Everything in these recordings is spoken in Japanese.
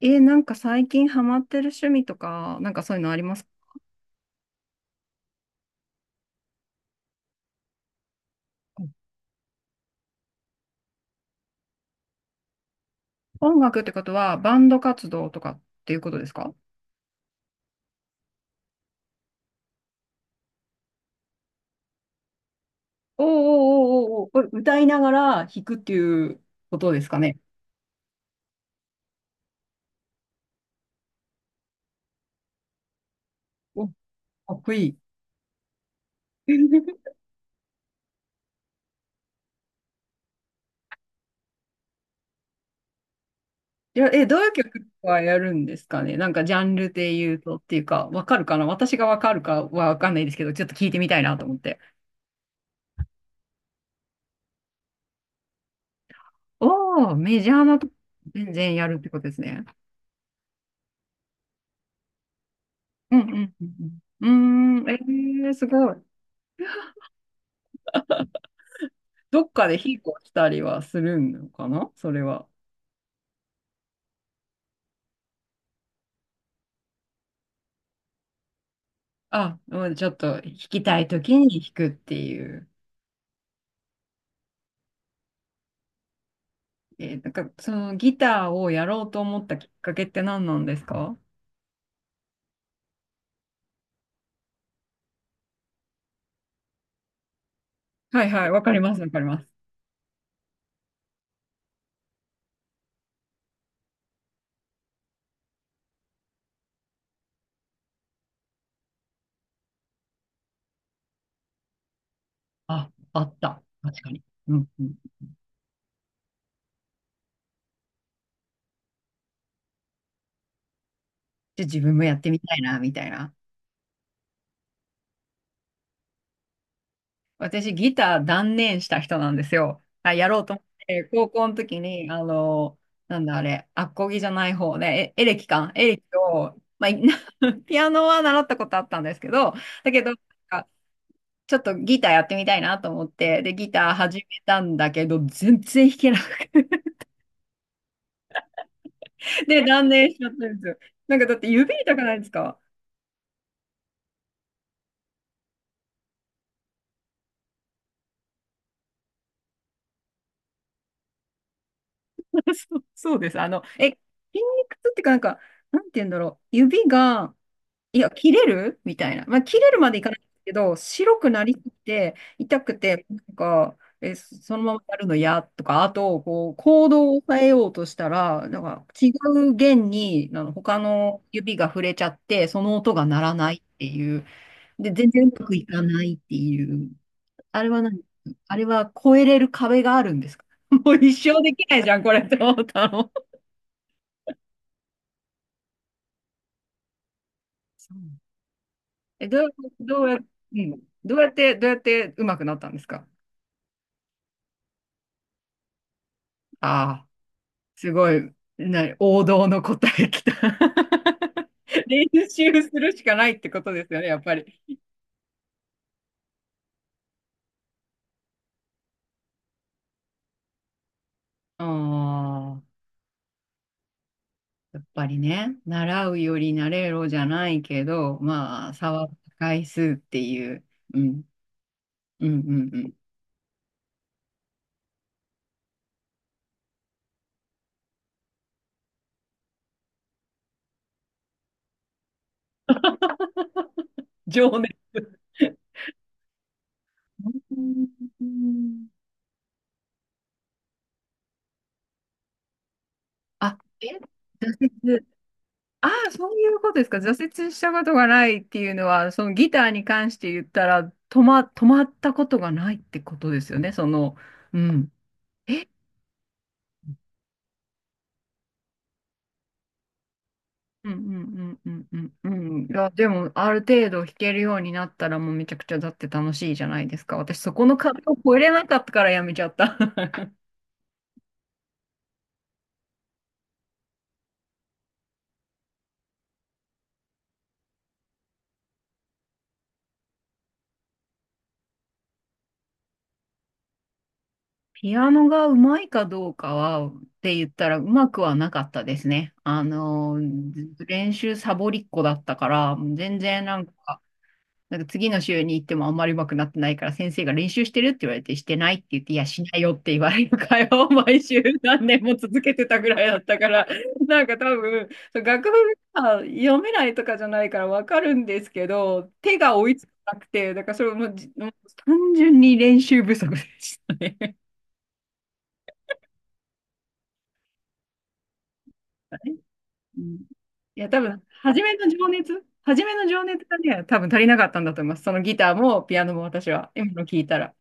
最近ハマってる趣味とか、そういうのありますか？音楽ってことは、バンド活動とかっていうことですか？おーおーおーおーおー、これ歌いながら弾くっていうことですかね。お、かっこいい。どういう曲はやるんですかね？ジャンルで言うとっていうか、わかるかな、私がわかるかはわかんないですけど、ちょっと聞いてみたいなと思って。おー、メジャーなとこ全然やるってことですね。うんうんうんうん。ーすごい。どっかで引っ越したりはするのかな、それは。あ、もうちょっと弾きたい時に弾くっていう。そのギターをやろうと思ったきっかけって何なんですか？はいはい、わかります、わかります。あ、あった。確かに。うんうん。じゃあ自分もやってみたいな、みたいな。私、ギター断念した人なんですよ。あ、やろうと思って、高校の時に、なんだあれ、アコギじゃない方ね、エレキか、エレキを、まあ、い ピアノは習ったことあったんですけど、だけど、かちょっとギターやってみたいなと思って、で、ギター始めたんだけど、全然弾けなくて、で、断念しちゃったんですよ。だって指痛くないですか？ そう、そうです。筋肉痛っていうか、なんて言うんだろう、指が、いや、切れるみたいな。まあ、切れるまでいかないんですけど、白くなりすぎて、痛くて、そのままやるの嫌とか、あと、こう、行動を変えようとしたら、なんか違う弦に、他の指が触れちゃって、その音が鳴らないっていう。で、全然うまくいかないっていう。あれは何あれは越えれる壁があるんですか？ もう一生できないじゃん、これって思ったの。そう、え、どう、どうや、うん、どうやって、どうやってうまくなったんですか？ああ、すごい、王道の答えきた。練習するしかないってことですよね、やっぱり。ああ、やっぱりね、習うより慣れろじゃないけど、まあ、差は回数っていう、うん、うん、うん、うん。情熱。うん。あ、え、挫折。ああ、そういうことですか。挫折したことがないっていうのは、そのギターに関して言ったら、止まったことがないってことですよね。その、うん。えうんうんうんうんうんうん。いや、でも、ある程度弾けるようになったら、もうめちゃくちゃだって楽しいじゃないですか。私、そこの壁を越えれなかったからやめちゃった。ピアノがうまいかどうかはって言ったら、うまくはなかったですね。あの、練習サボりっ子だったから、全然なんか、なんか次の週に行ってもあんまり上手くなってないから、先生が練習してるって言われて、してないって言って、いや、しないよって言われる会話を 毎週何年も続けてたぐらいだったから、なんか多分、そう、学部が読めないとかじゃないからわかるんですけど、手が追いつかなくて、だからそれもうじ、もう単純に練習不足でしたね。うん、いや、多分、初めの情熱がね、多分足りなかったんだと思います。そのギターもピアノも私は、今の聞いたら。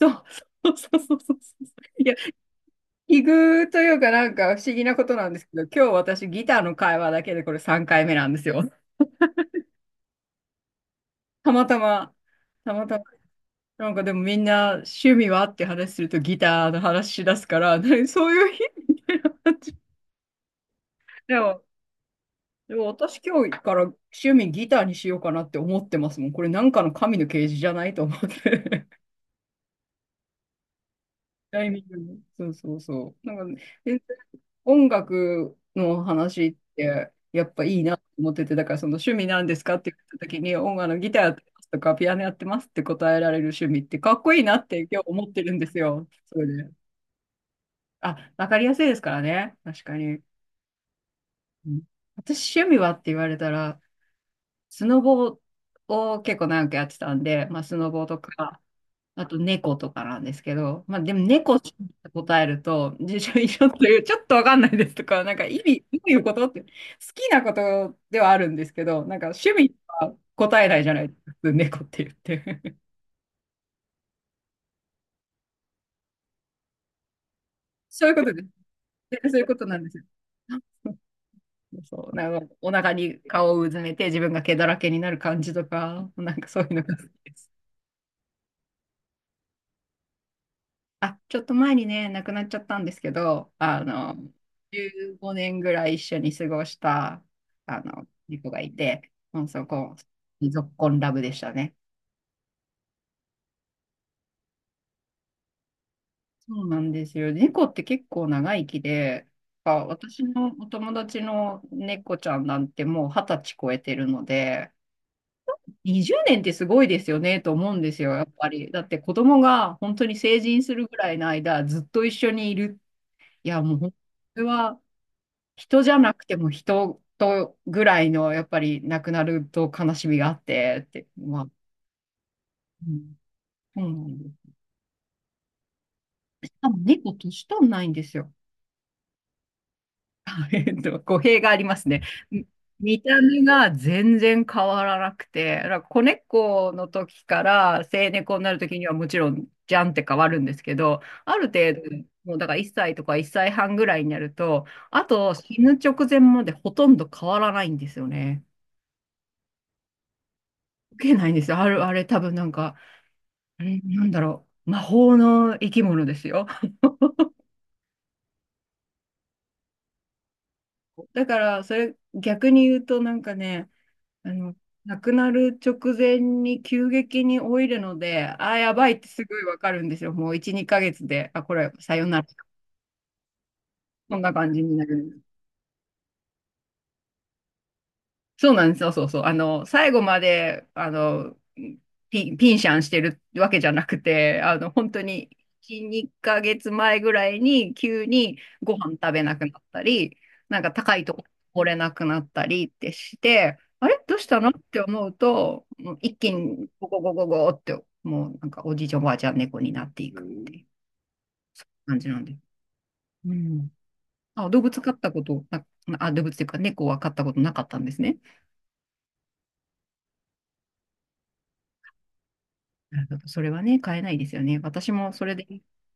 そう、そうそうそうそうそうそういや、奇遇というかなんか不思議なことなんですけど、今日私ギターの会話だけでこれ3回目なんですよ。たまたま、たまたま、なんかでもみんな趣味はって話するとギターの話し出すから、何そういう日？でも、でも私今日から趣味ギターにしようかなって思ってますもん。これなんかの神の啓示じゃないと思って。タイミングね、そうそうそう。なんかね、全然音楽の話って、やっぱいいなと思ってて、だからその趣味なんですかって言った時に、音楽のギターやってますとか、ピアノやってますって答えられる趣味って、かっこいいなって今日思ってるんですよ。それで。あ、わかりやすいですからね。確かに。うん、私、趣味はって言われたら、スノボを結構長くやってたんで、まあ、スノボとか、あと猫とかなんですけど、まあでも猫って答えると、辞書以上という、ちょっとわかんないですとか、なんか意味、どういうことって、好きなことではあるんですけど、なんか趣味は答えないじゃないですか、普通猫って言って。そういうことです。そういうことなんですよ。そう、なんかお腹に顔をうずめて自分が毛だらけになる感じとか、なんかそういうのが好きです。あ、ちょっと前にね、亡くなっちゃったんですけど、あの、15年ぐらい一緒に過ごした、あの、猫がいて、もうそこ、ぞっこんラブでしたね。そうなんですよ。猫って結構長生きで、あ、私のお友達の猫ちゃんなんてもう二十歳超えてるので、20年ってすごいですよねと思うんですよ、やっぱり。だって子供が本当に成人するぐらいの間、ずっと一緒にいる。いや、もう本当にそれは、人じゃなくても人とぐらいの、やっぱり亡くなると悲しみがあって、って、まあ、うん、そうなんです。しかも猫、年取んないんですよ。えっと、語弊がありますね。み見た目が全然変わらなくて、だから子猫の時から成猫になる時にはもちろんじゃんって変わるんですけど、ある程度、もうだから1歳とか1歳半ぐらいになると、あと死ぬ直前までほとんど変わらないんですよね。受けないんですよ。あれ多分なんか、あれ、なんだろう。魔法の生き物ですよ。だから、それ逆に言うと、なんかね、あの、亡くなる直前に急激に老いるので、ああ、やばいってすごいわかるんですよ。もう1、2ヶ月で、あ、これ、さよなら。そんな感じになる。そうなんですよ、そうそう。あの、最後まで、あの、ピンシャンしてるわけじゃなくて、あの、本当に、1、2ヶ月前ぐらいに急にご飯食べなくなったり、なんか高いとこ来れなくなったりってして、あれどうしたのって思うと、もう一気にゴゴゴゴゴって、もうなんかおじいちゃんおばあちゃん猫になっていくっていう感じなんで。うん。あ、動物飼ったことな、あ、動物っていうか猫は飼ったことなかったんですね。なるほど。それはね、買えないですよね。私もそれで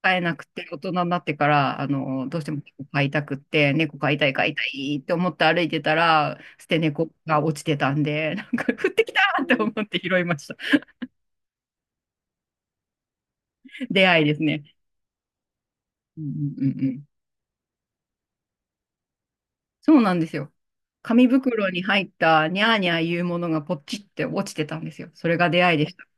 買えなくて、大人になってから、あの、どうしても猫飼いたくって、猫飼いたい、飼いたいって思って歩いてたら、捨て猫が落ちてたんで、なんか降ってきたって思って拾いました。出会いですね。うんうんうんうん。そうなんですよ。紙袋に入ったニャーニャーいうものがポチって落ちてたんですよ。それが出会いでした。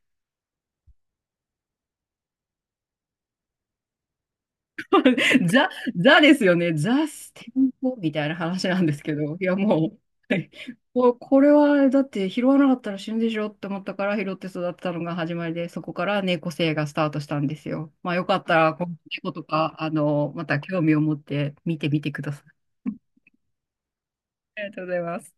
ザ、ザですよね。ザステンポみたいな話なんですけど、いやもう、はい これはだって拾わなかったら死ぬでしょって思ったから拾って育てたのが始まりで、そこから猫生がスタートしたんですよ。まあよかったら、この猫とか、あの、また興味を持って見てみてください。ありがとうございます。